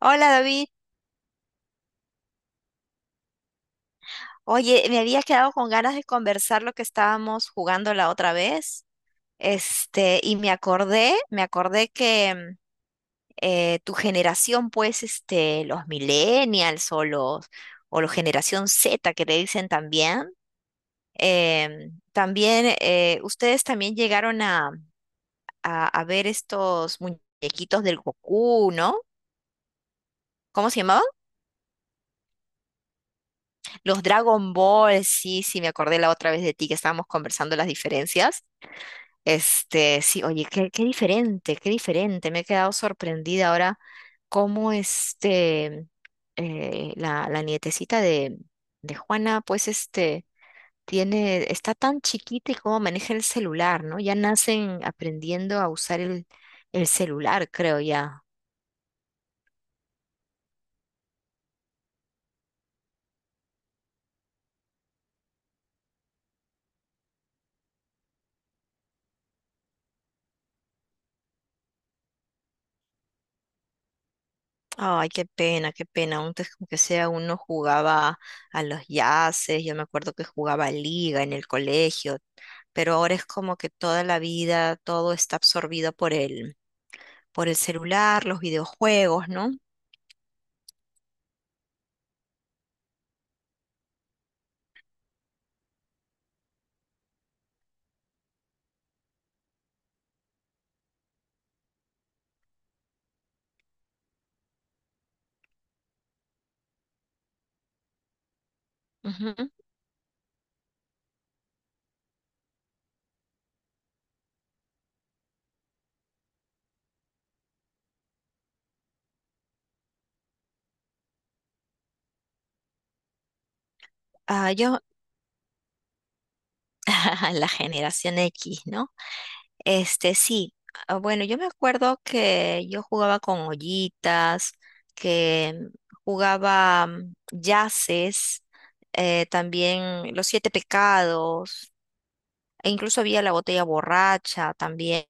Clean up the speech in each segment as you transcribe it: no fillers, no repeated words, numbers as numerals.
Hola, David, oye, me había quedado con ganas de conversar lo que estábamos jugando la otra vez, este, y me acordé que tu generación, pues, este, los millennials o o la generación Z que le dicen también, también, ustedes también llegaron a ver estos muñequitos del Goku, ¿no? ¿Cómo se llamaban? Los Dragon Ball, sí, sí, me acordé la otra vez de ti que estábamos conversando las diferencias. Este, sí, oye, qué diferente, qué diferente. Me he quedado sorprendida ahora cómo este, la nietecita de Juana, pues este, está tan chiquita y cómo maneja el celular, ¿no? Ya nacen aprendiendo a usar el celular, creo ya. Ay, qué pena, qué pena. Antes, como que sea, uno jugaba a los yaces, yo me acuerdo que jugaba a liga en el colegio, pero ahora es como que toda la vida, todo está absorbido por el celular, los videojuegos, ¿no? Ujú. Ah, yo, la generación X, ¿no? Este, sí. Ah, bueno, yo me acuerdo que yo jugaba con ollitas, que jugaba yaces, también los siete pecados, e incluso había la botella borracha también.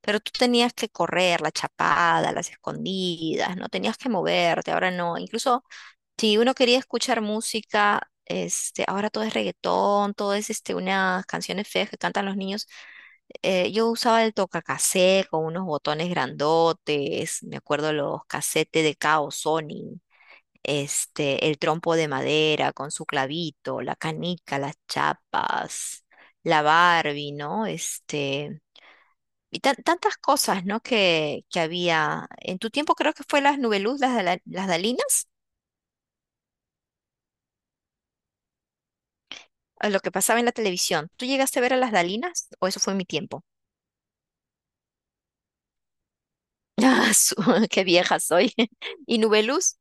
Pero tú tenías que correr, la chapada, las escondidas, no tenías que moverte, ahora no. Incluso si uno quería escuchar música, este, ahora todo es reggaetón, todo es este, unas canciones feas que cantan los niños. Yo usaba el tocacassette con unos botones grandotes, me acuerdo los casetes de Kao Sony, este, el trompo de madera con su clavito, la canica, las chapas, la Barbie, ¿no? Este, y tantas cosas, ¿no? Que había. En tu tiempo creo que fue las Nubeluz, las Dalinas. A lo que pasaba en la televisión. ¿Tú llegaste a ver a las Dalinas? ¿O eso fue en mi tiempo? Ah, qué vieja soy. ¿Y Nubeluz?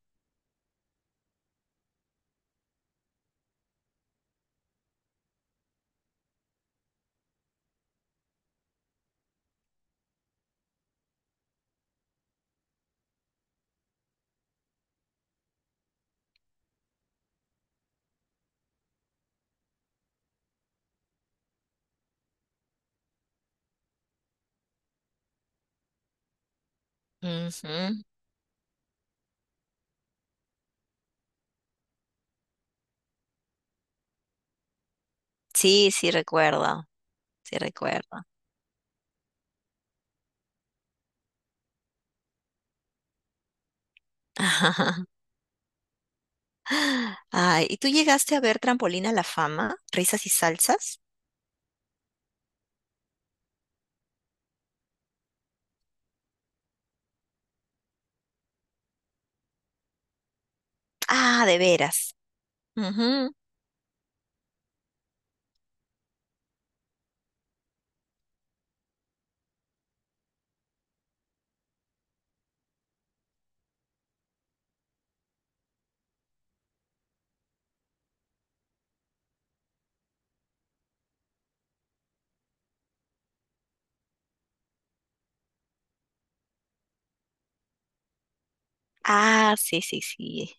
Ujú. Sí, sí recuerdo, sí recuerdo. Ay, ¿y tú llegaste a ver Trampolina a la fama? ¿Risas y salsas? Ah, de veras. Ujú. Ah, sí, sí, sí.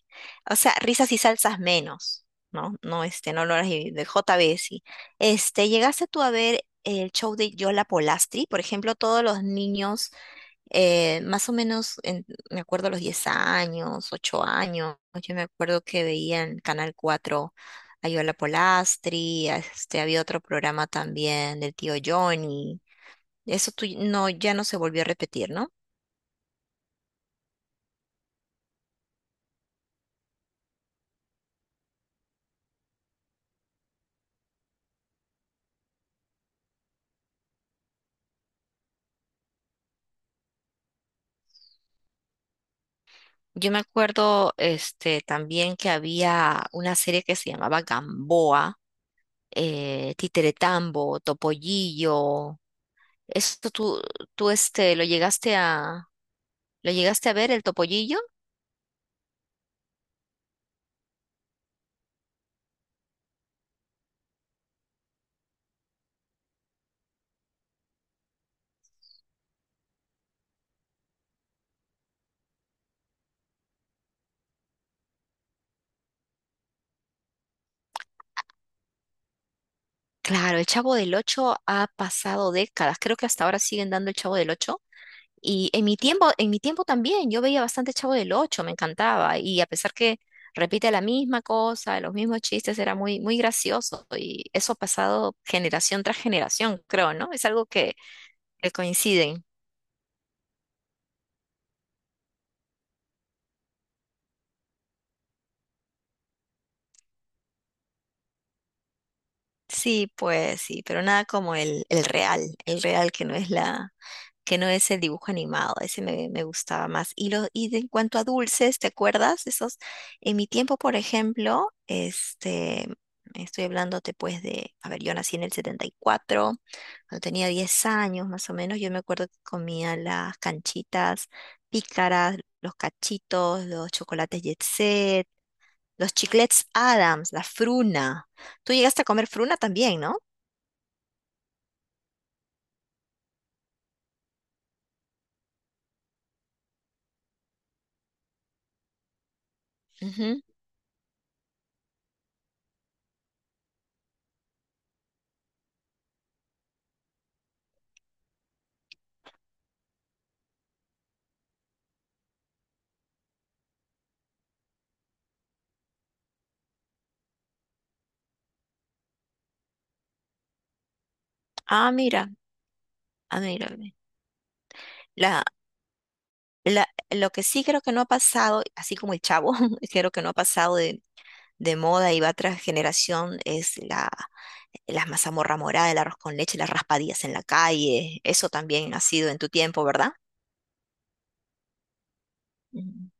O sea, risas y salsas menos, ¿no? No, este, no lo harás de JB, sí. Este, ¿llegaste tú a ver el show de Yola Polastri? Por ejemplo, todos los niños, más o menos, me acuerdo los 10 años, 8 años, yo me acuerdo que veía en Canal 4 a Yola Polastri, a este, había otro programa también del tío Johnny. Eso tú, no, ya no se volvió a repetir, ¿no? Yo me acuerdo este, también que había una serie que se llamaba Gamboa, Titeretambo, Topollillo. ¿Esto tú, este, lo llegaste a ver, el Topollillo? Claro, el Chavo del Ocho ha pasado décadas. Creo que hasta ahora siguen dando el Chavo del Ocho. Y en mi tiempo también, yo veía bastante Chavo del Ocho, me encantaba. Y a pesar que repite la misma cosa, los mismos chistes, era muy, muy gracioso. Y eso ha pasado generación tras generación, creo, ¿no? Es algo que coinciden. Sí, pues sí, pero nada como el real, el real que no es que no es el dibujo animado, ese me gustaba más. En cuanto a dulces, ¿te acuerdas? Esos, en mi tiempo, por ejemplo, este, estoy hablándote pues a ver, yo nací en el 74 cuando tenía 10 años más o menos, yo me acuerdo que comía las canchitas pícaras, los cachitos, los chocolates Jet Set, los chiclets Adams, la fruna. Tú llegaste a comer fruna también, ¿no? Ujú. Ah, mira, ah, mira. Lo que sí creo que no ha pasado, así como el Chavo, creo que no ha pasado de moda y va tras generación, es la mazamorra morada, el arroz con leche, las raspadillas en la calle. Eso también ha sido en tu tiempo, ¿verdad? Ujú.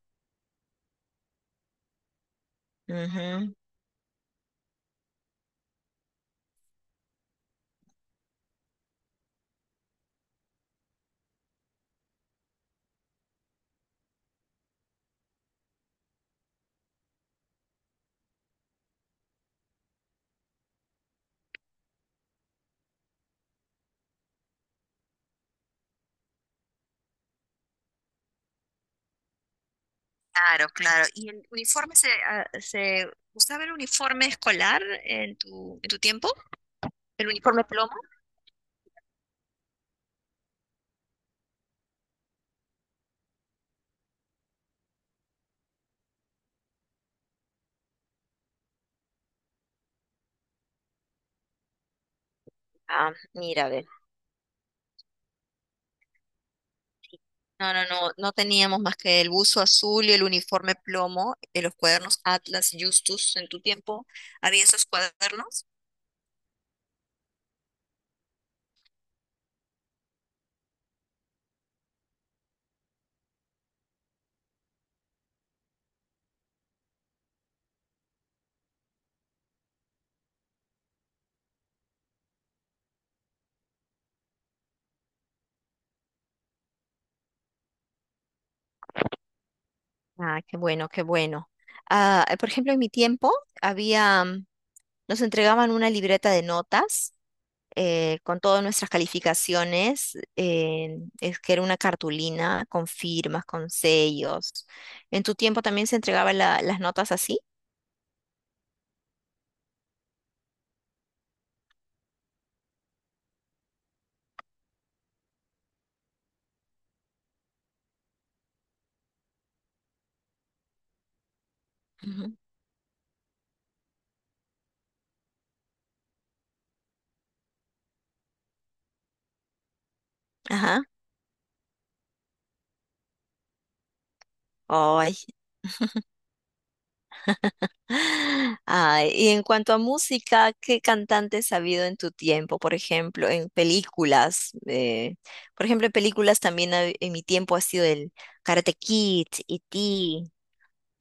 Ujú. Claro, claro. ¿Y el uniforme se usaba el uniforme escolar en tu tiempo? ¿El uniforme plomo? Ah, mira, ve. No, no, no, no teníamos más que el buzo azul y el uniforme plomo, los cuadernos Atlas, Justus, en tu tiempo, ¿había esos cuadernos? Ah, qué bueno, qué bueno. Ah, por ejemplo, en mi tiempo había, nos entregaban una libreta de notas, con todas nuestras calificaciones, es que era una cartulina con firmas, con sellos. ¿En tu tiempo también se entregaban las notas así? Ujú. Ajá. Ay, ay, y en cuanto a música, ¿qué cantantes ha habido en tu tiempo? Por ejemplo, en películas. Por ejemplo, en películas también en mi tiempo ha sido el Karate Kid, E.T.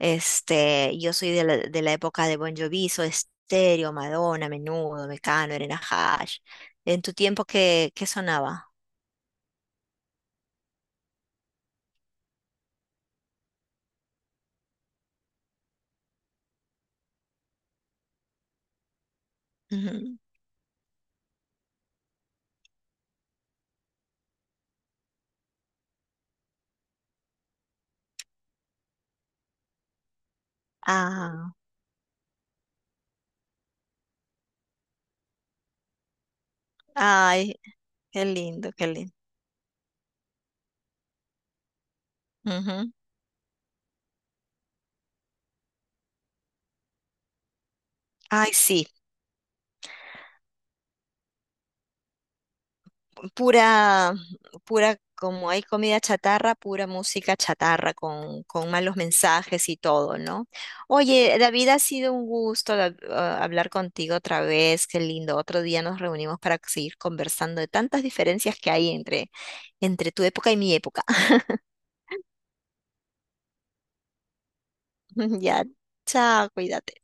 Este, yo soy de la época de Bon Jovi, Soda Stereo, Madonna, Menudo, Mecano, Irene Hash. ¿En tu tiempo qué sonaba? Ujú. Ah, ay, qué lindo, qué lindo. Ujú. Ay, sí. Pura, pura, como hay comida chatarra, pura música chatarra con malos mensajes y todo, ¿no? Oye, David, ha sido un gusto hablar contigo otra vez, qué lindo. Otro día nos reunimos para seguir conversando de tantas diferencias que hay entre tu época y mi época. Ya, chao, cuídate.